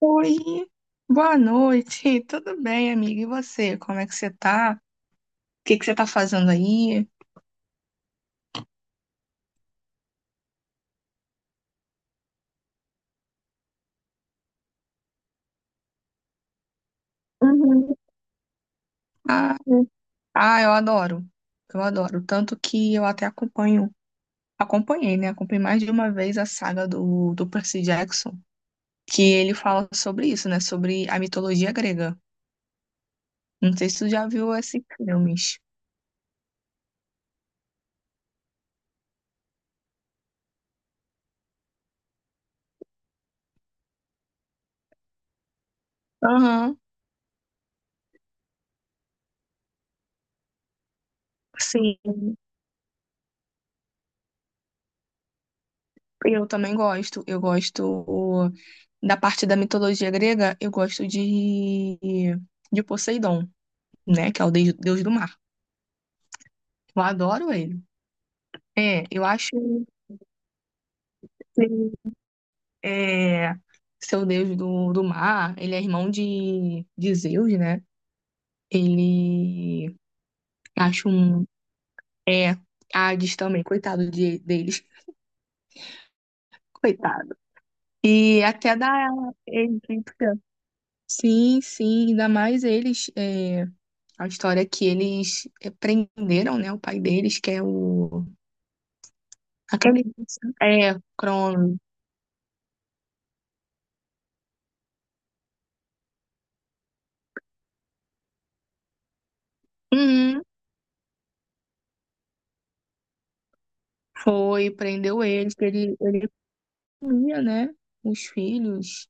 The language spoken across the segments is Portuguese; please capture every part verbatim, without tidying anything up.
Oi, boa noite. Tudo bem, amiga? E você? Como é que você tá? O que que você tá fazendo aí? Uhum. Ah, ah, eu adoro. Eu adoro. Tanto que eu até acompanho, acompanhei, né? Acompanhei mais de uma vez a saga do, do Percy Jackson, que ele fala sobre isso, né? Sobre a mitologia grega. Não sei se tu já viu esses filmes. Aham, sim. Eu também gosto. Eu gosto da parte da mitologia grega, eu gosto de, de Poseidon, né? Que é o deus, deus do mar. Eu adoro ele. É, eu acho que ele é seu deus do, do mar. Ele é irmão de, de Zeus, né? Ele acho um. É, Hades também, coitado de, deles. Coitado. E até da egípcia. Sim, sim, ainda mais eles. é, A história é que eles, é, prenderam, né, o pai deles, que é o... Aquele... É, Crono. Uhum. Foi, prendeu eles, que ele, ele comia, né, os filhos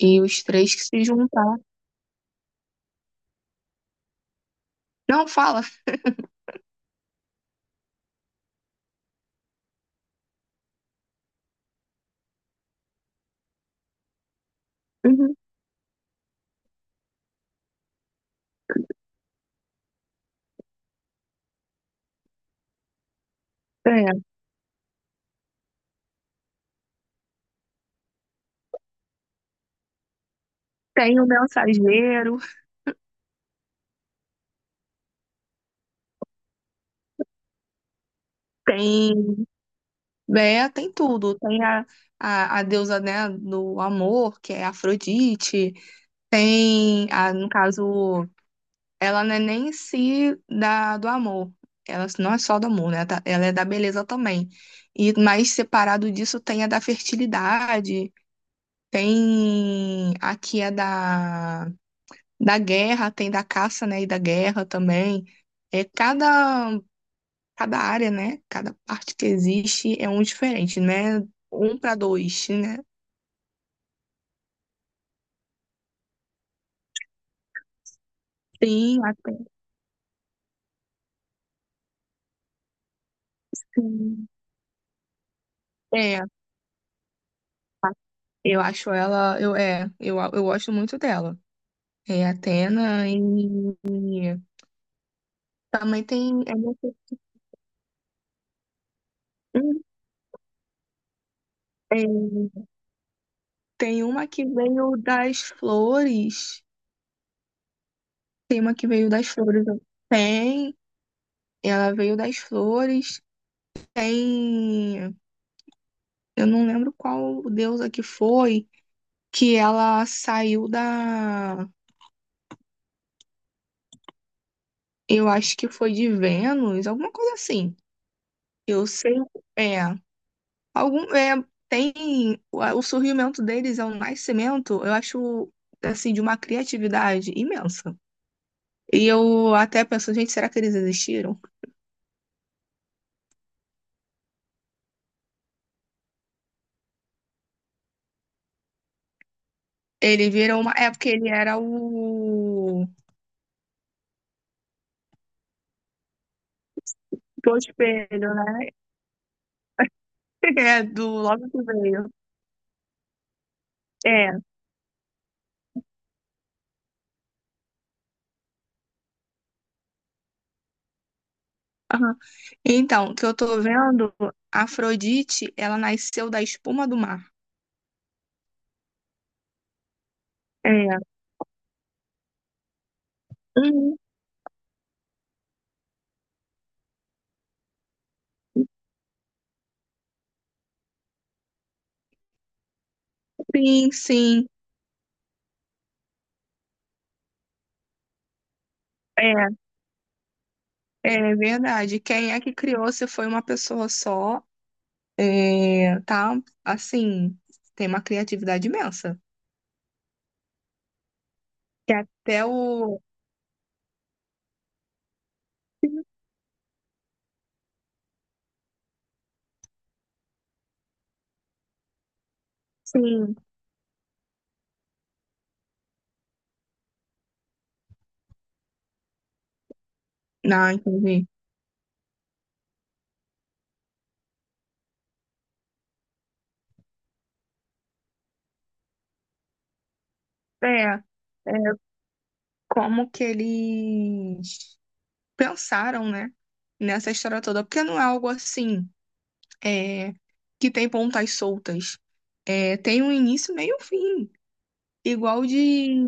e os três que se juntaram. Não, fala. Uhum. É, tem o mensageiro, tem... É, tem tudo. Tem a, a, a deusa, né, do amor, que é Afrodite. Tem, a, no caso, ela não é nem em si da, do amor. Ela não é só do amor, né? Tá- Ela é da beleza também. E mais separado disso tem a da fertilidade, tem aqui a da, da guerra, tem da caça, né? E da guerra também. É cada, cada área, né? Cada parte que existe é um diferente, né? Um para dois, né? Sim, até sim. É, eu acho ela, eu, é, eu, eu gosto muito dela. É Atena e também tem, eu não sei- hum, é, tem uma que veio das flores. Tem uma que veio das flores. Tem, ela veio das flores. Tem, eu não lembro qual deusa que foi, que ela saiu da, eu acho que foi de Vênus, alguma coisa assim. Eu sei, é. Algum, é, tem o a- o surgimento deles é um nascimento, eu acho assim de uma criatividade imensa. E eu até penso, gente, será que eles existiram? Ele virou uma. É porque ele era o. Do espelho, né? É, do logo que veio. É. Aham. Então, o que eu tô vendo, Afrodite, ela nasceu da espuma do mar. É. Uhum. Sim, sim. É, é verdade. Quem é que criou? Se foi uma pessoa só? É, tá, assim, tem uma criatividade imensa. Que até o. Sim. Não, entendi. É, é, como que eles pensaram, né, nessa história toda, porque não é algo assim, é, que tem pontas soltas. É, tem um início, meio e um fim. Igual de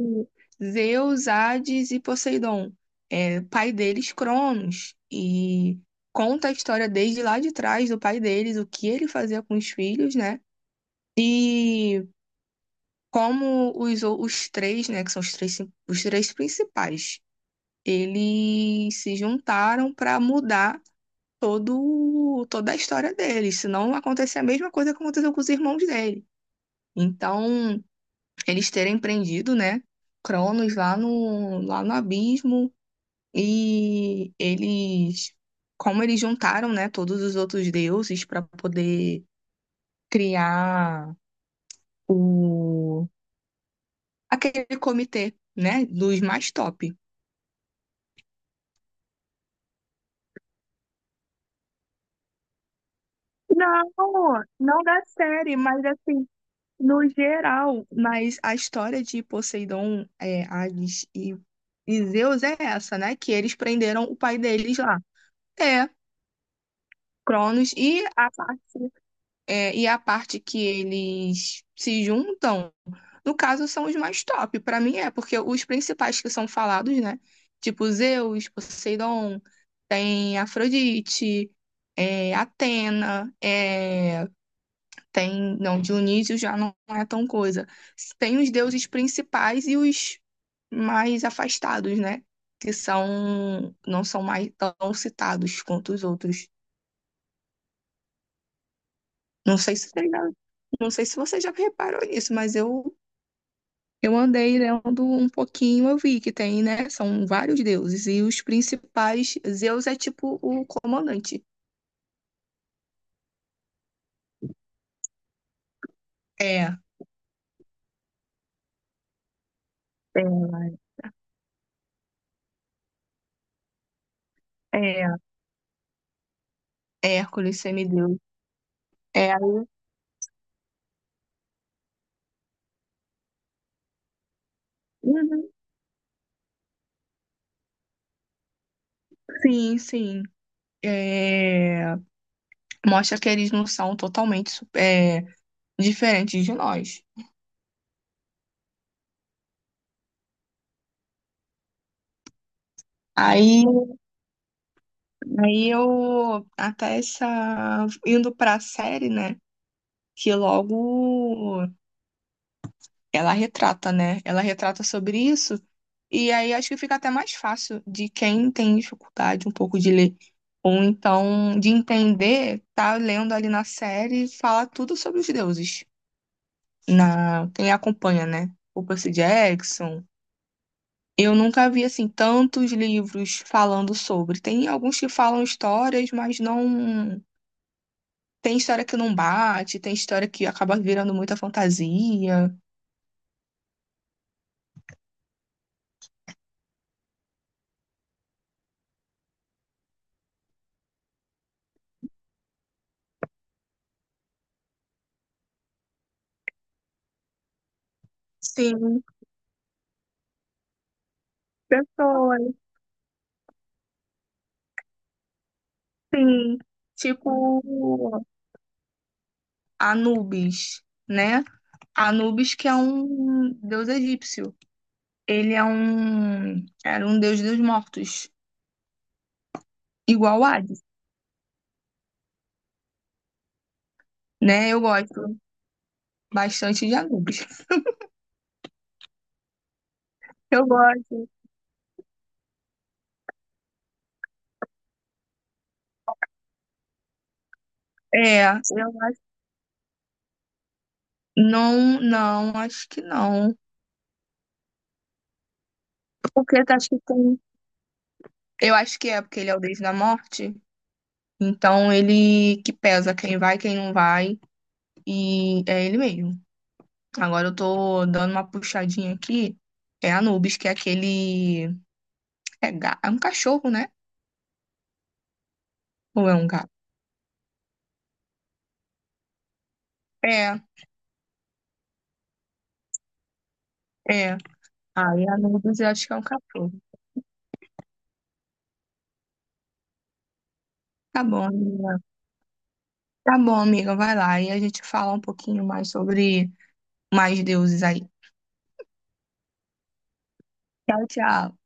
Zeus, Hades e Poseidon. É, pai deles, Cronos. E conta a história desde lá de trás do pai deles, o que ele fazia com os filhos, né? E como os, ou- os três, né, que são os três, os três principais, eles se juntaram para mudar todo, toda a história deles, senão acontecia a mesma coisa que aconteceu com os irmãos dele. Então, eles terem prendido, né, Cronos lá no, lá no abismo e eles, como eles juntaram, né, todos os outros deuses para poder criar o aquele comitê, né, dos mais top. Não, não da série, mas assim, no geral, mas a história de Poseidon, é, Hades e, e Zeus é essa, né? Que eles prenderam o pai deles lá. É, Cronos e a parte. É, e a parte que eles se juntam, no caso, são os mais top. Pra mim é, porque os principais que são falados, né? Tipo Zeus, Poseidon, tem Afrodite, é, Atena, é, tem. Não, Dionísio já não é tão coisa. Tem os deuses principais e os mais afastados, né? Que são, não são mais tão citados quanto os outros. Não sei se você já, não sei se você já reparou nisso, mas eu, eu andei lendo um pouquinho, eu vi que tem, né? São vários deuses, e os principais, Zeus é tipo o comandante. É, é, é, Hércules, semideus. É, uhum. Sim, sim. É, mostra que eles não são totalmente su- é, diferentes de nós. Aí, aí eu, até essa, indo pra série, né? Que logo ela retrata, né? Ela retrata sobre isso, e aí acho que fica até mais fácil de quem tem dificuldade um pouco de ler, ou então de entender, tá lendo ali na série, fala tudo sobre os deuses, na quem acompanha, né? O Percy Jackson. Eu nunca vi assim tantos livros falando sobre. Tem alguns que falam histórias, mas não tem história que não bate, tem história que acaba virando muita fantasia. Sim, pessoas. Sim, tipo Anubis, né? Anubis que é um deus egípcio. Ele é um Era um deus dos mortos, igual Hades, né? Eu gosto bastante de Anubis. Eu gosto. É, eu acho. Não, não, acho que não. Porque tá, acho que tem. Eu acho que é porque ele é o deus da morte. Então ele que pesa quem vai, quem não vai e é ele mesmo. Agora eu tô dando uma puxadinha aqui. É Anubis, que é aquele. É, ga- é um cachorro, né? Ou é um gato? É, é. Aí Anubis eu acho que é um cachorro. Tá bom, amiga. Tá bom, amiga. Vai lá. E a gente fala um pouquinho mais sobre mais deuses aí. Tchau, tchau.